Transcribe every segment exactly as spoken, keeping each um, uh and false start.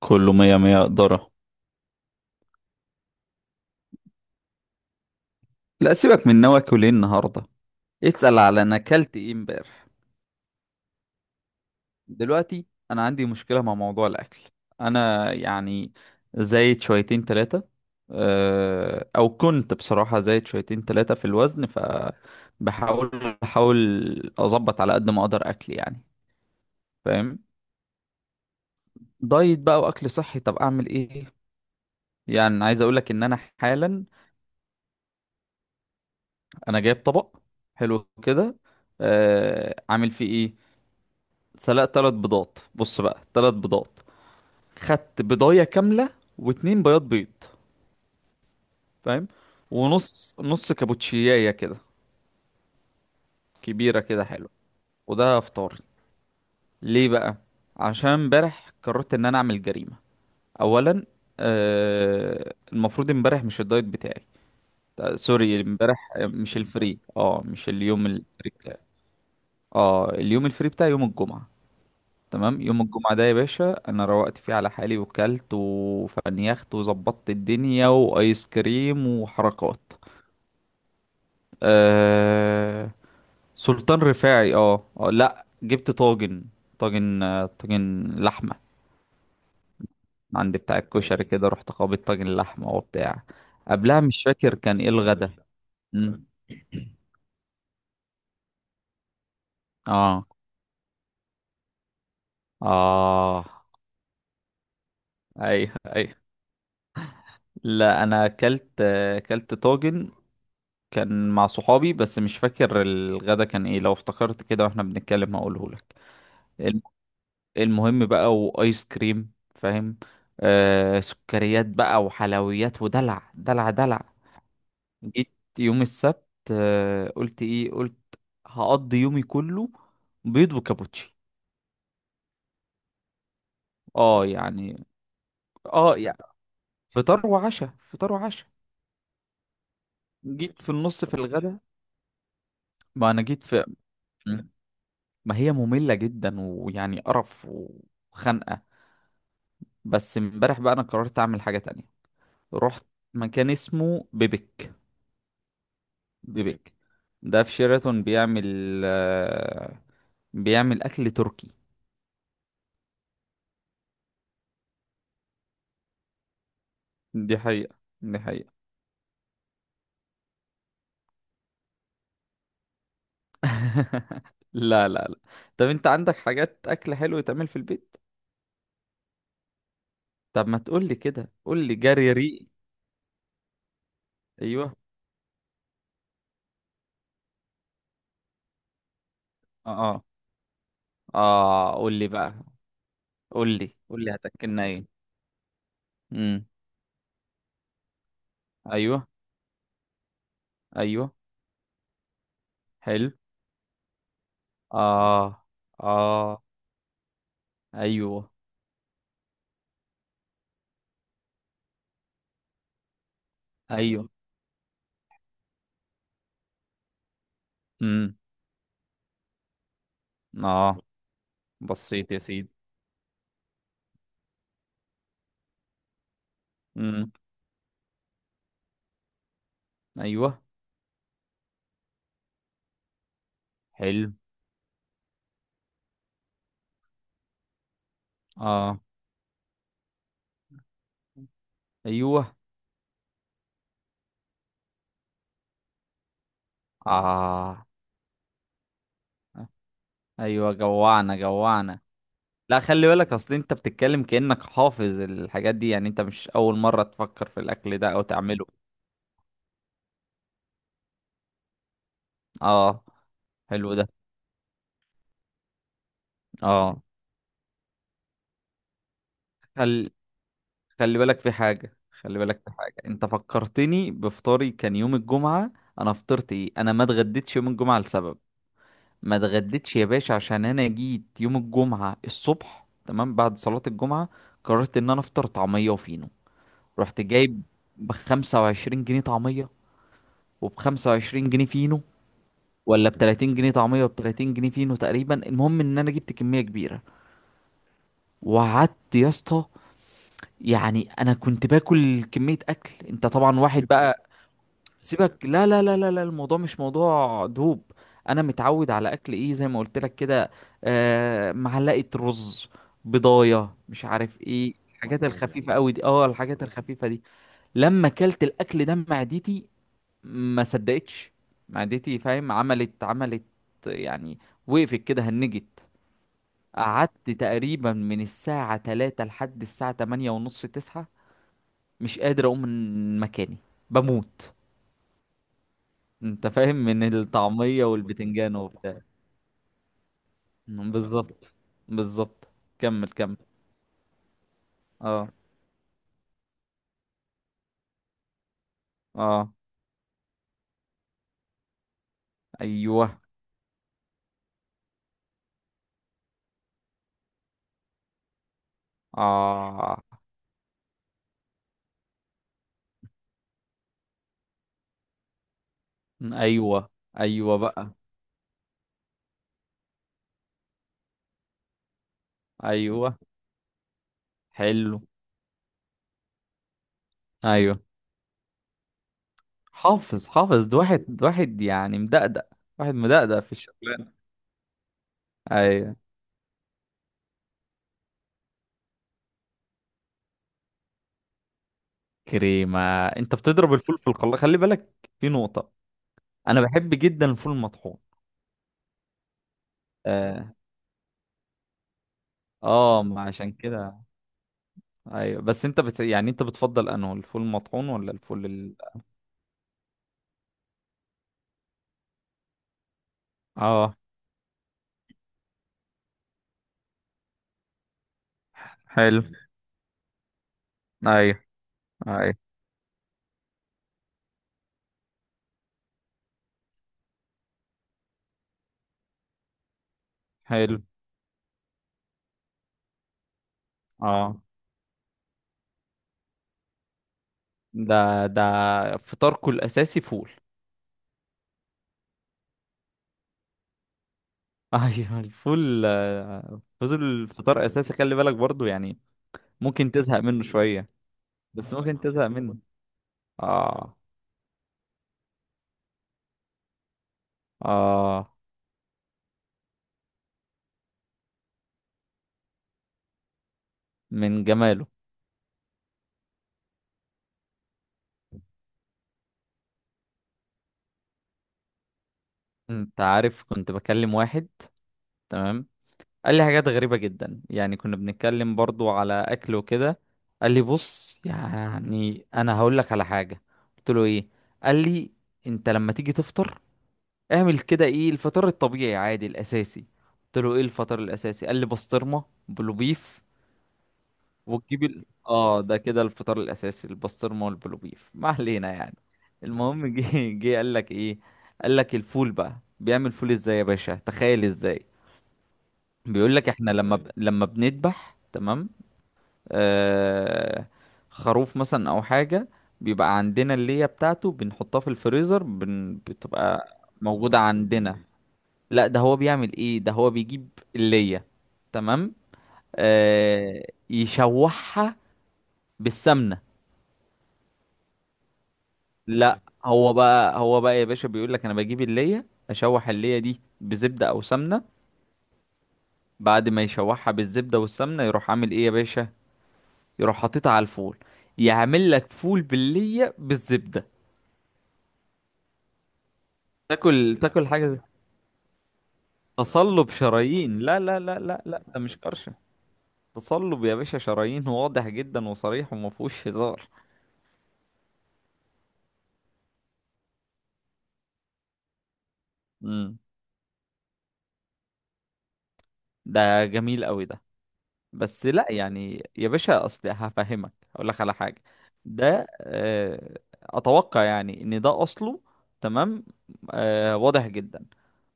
كله مية مية قدرة. لا سيبك من نواكل ايه النهارده، اسأل على انا اكلت ايه امبارح. دلوقتي انا عندي مشكلة مع موضوع الاكل. انا يعني زايد شويتين تلاتة. أه، او كنت بصراحة زايد شويتين تلاتة في الوزن، فبحاول بحاول اظبط على قد ما اقدر اكل يعني. فاهم. دايت بقى واكل صحي، طب اعمل ايه؟ يعني عايز اقولك ان انا حالا انا جايب طبق حلو كده. أه، عامل فيه ايه؟ سلقت تلات بيضات، بص بقى، تلات بيضات، خدت بيضاية كاملة واتنين بياض بيض، فاهم؟ ونص نص كابوتشياية كده كبيرة كده، حلو. وده فطاري. ليه بقى؟ عشان امبارح قررت ان انا اعمل جريمة. اولا آه، المفروض امبارح مش الدايت بتاعي. تا- سوري امبارح، آه، مش الفري، اه مش اليوم الفري بتاعي. اه، اليوم الفري بتاعي يوم الجمعة. تمام، يوم الجمعة ده يا باشا أنا روقت فيه على حالي، وكلت وفنيخت وظبطت الدنيا، وآيس كريم وحركات. أه... سلطان رفاعي، اه، آه، لأ جبت طاجن. طاجن، آه، طاجن لحمة. عند بتاع الكشري كده، رحت خابط طاجن لحمة وبتاع. قبلها مش فاكر كان ايه الغدا. مم. اه، اه، ايوه ايوه، لا انا اكلت، اكلت طاجن. كان مع صحابي، بس مش فاكر الغدا كان ايه، لو افتكرت كده واحنا بنتكلم هقوله لك. الم- المهم بقى، وايس كريم، فاهم، آه سكريات بقى وحلويات ودلع دلع دلع. جيت يوم السبت، آه، قلت ايه؟ قلت هقضي يومي كله بيض وكابوتشي. اه يعني، اه يعني فطار وعشاء، فطار وعشاء. جيت في النص في الغدا، ما انا جيت في، ما هي مملة جدا ويعني قرف وخنقة. بس امبارح بقى انا قررت اعمل حاجة تانية. رحت مكان اسمه بيبك. بيبك ده في شيراتون، بيعمل، آه، بيعمل اكل تركي. دي حقيقة دي حقيقة. لا لا لا. طب انت عندك حاجات اكل حلو يتعمل في البيت؟ طب ما تقول لي كده، قول لي جري ريق. ايوه، اه، اه، آه، قول لي بقى. قول لي قول لي هتاكلنا ايه؟ امم، ايوه، ايوه، حلو، اه، اه، ايوه، ايوه، امم، اه، بسيط يا سيدي. امم، ايوه، حلو، اه، ايوه، اه، ايوه جوعنا جوعنا. لا خلي بالك، اصل انت بتتكلم كأنك حافظ الحاجات دي، يعني انت مش اول مرة تفكر في الاكل ده او تعمله. اه، حلو ده، اه. خل... خلي بالك في حاجة، خلي بالك في حاجة، انت فكرتني بفطاري كان يوم الجمعة. انا فطرت ايه؟ انا ما اتغديتش يوم الجمعة لسبب. ما اتغديتش يا باشا عشان انا جيت يوم الجمعة الصبح، تمام، بعد صلاة الجمعة قررت ان انا افطر طعمية وفينو. رحت جايب بخمسة وعشرين جنيه طعمية وبخمسة وعشرين جنيه فينو، ولا بتلاتين جنيه طعمية وبتلاتين جنيه فينو تقريبا. المهم ان انا جبت كمية كبيرة، وقعدت يا اسطى. يعني انا كنت باكل كمية اكل، انت طبعا واحد بقى، سيبك. لا لا لا لا لا، الموضوع مش موضوع دوب، انا متعود على اكل ايه زي ما قلت لك كده، آه معلقه رز، بضايه، مش عارف ايه الحاجات، والله الخفيفه قوي دي، اه الحاجات الخفيفه دي. لما كلت الاكل ده معدتي ما صدقتش. معدتي فاهم، عملت عملت يعني، وقفت كده هنجت. قعدت تقريبا من الساعه تلاتة لحد الساعه تمانية ونص تسعة، مش قادر اقوم من مكاني، بموت، انت فاهم، من الطعمية والبتنجان وبتاع. بالظبط، بالظبط. كمل كمل. اه، اه، ايوه، اه، ايوه، ايوه بقى، ايوه، حلو، ايوه، حافظ حافظ. ده واحد ده واحد يعني مدقدق، واحد مدقدق في الشغلانة. ايوه، كريمة. انت بتضرب الفول في الخلاط؟ خلي بالك، في نقطة، انا بحب جدا الفول المطحون. اه، اه، ما عشان كده، ايوه. بس انت بت... يعني انت بتفضل انه الفول المطحون ولا الفول؟ اه، حلو، ايوه، ايوه، حلو، اه. ده ده فطاركو الاساسي فول. ايوه الفول، آه، فضل فطار اساسي، خلي بالك برضو يعني. ممكن تزهق منه شوية، بس ممكن تزهق منه. اه، اه، من جماله. انت عارف كنت بكلم واحد، تمام، قال لي حاجات غريبة جدا. يعني كنا بنتكلم برضو على أكل وكده، قال لي بص يعني أنا هقول لك على حاجة. قلت له إيه؟ قال لي أنت لما تيجي تفطر اعمل كده. إيه الفطار الطبيعي عادي الأساسي؟ قلت له إيه الفطار الأساسي؟ قال لي بسطرمة بلو بيف. وتجيب ال... آه ده كده الفطار الأساسي، البسطرمة والبلو بيف. ما علينا يعني. المهم جه، جه قال لك إيه؟ قال لك الفول، بقى بيعمل فول إزاي يا باشا تخيل؟ إزاي؟ بيقول لك احنا لما ب... لما بنذبح، تمام، آه... خروف مثلا او حاجه، بيبقى عندنا الليه بتاعته بنحطها في الفريزر، بن... بتبقى موجوده عندنا. لا ده هو بيعمل ايه، ده هو بيجيب الليه، تمام، آه... يشوحها بالسمنه. لا هو بقى، هو بقى يا باشا بيقول لك انا بجيب الليه، اشوح الليه دي بزبده او سمنه. بعد ما يشوحها بالزبده والسمنه يروح عامل ايه يا باشا؟ يروح حاططها على الفول، يعمل لك فول بالليه بالزبده. تاكل تاكل حاجه زي- تصلب شرايين. لا لا لا لا لا، ده مش قرشه، تصلب يا باشا شرايين، واضح جدا وصريح وما فيهوش هزار. امم، ده جميل قوي ده. بس لا يعني يا باشا، اصل هفهمك اقول لك على حاجه. ده آه، اتوقع يعني ان ده اصله، تمام، آه، واضح جدا.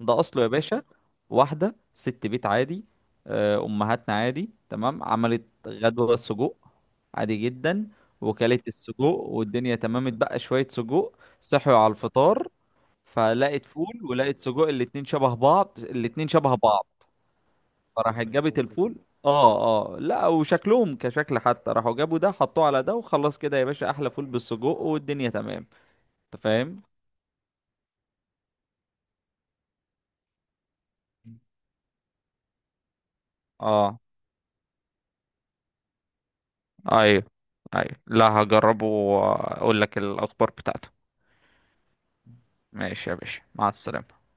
ده اصله يا باشا واحده ست بيت عادي، آه، امهاتنا عادي تمام عملت غدوه سجق، عادي جدا، وكلت السجق والدنيا تمام، اتبقى شويه سجق. صحوا على الفطار، فلقت فول ولقت سجق، الاتنين شبه بعض، الاتنين شبه بعض، فراحت جابت الفول. اه، اه، لا وشكلهم كشكل حتى، راحوا جابوا ده حطوه على ده وخلاص كده يا باشا، احلى فول بالسجق والدنيا تمام، انت فاهم. اه، ايوه، ايوه، لا هجربه واقول لك الاخبار بتاعته. ماشي يا باشا، مع السلامة.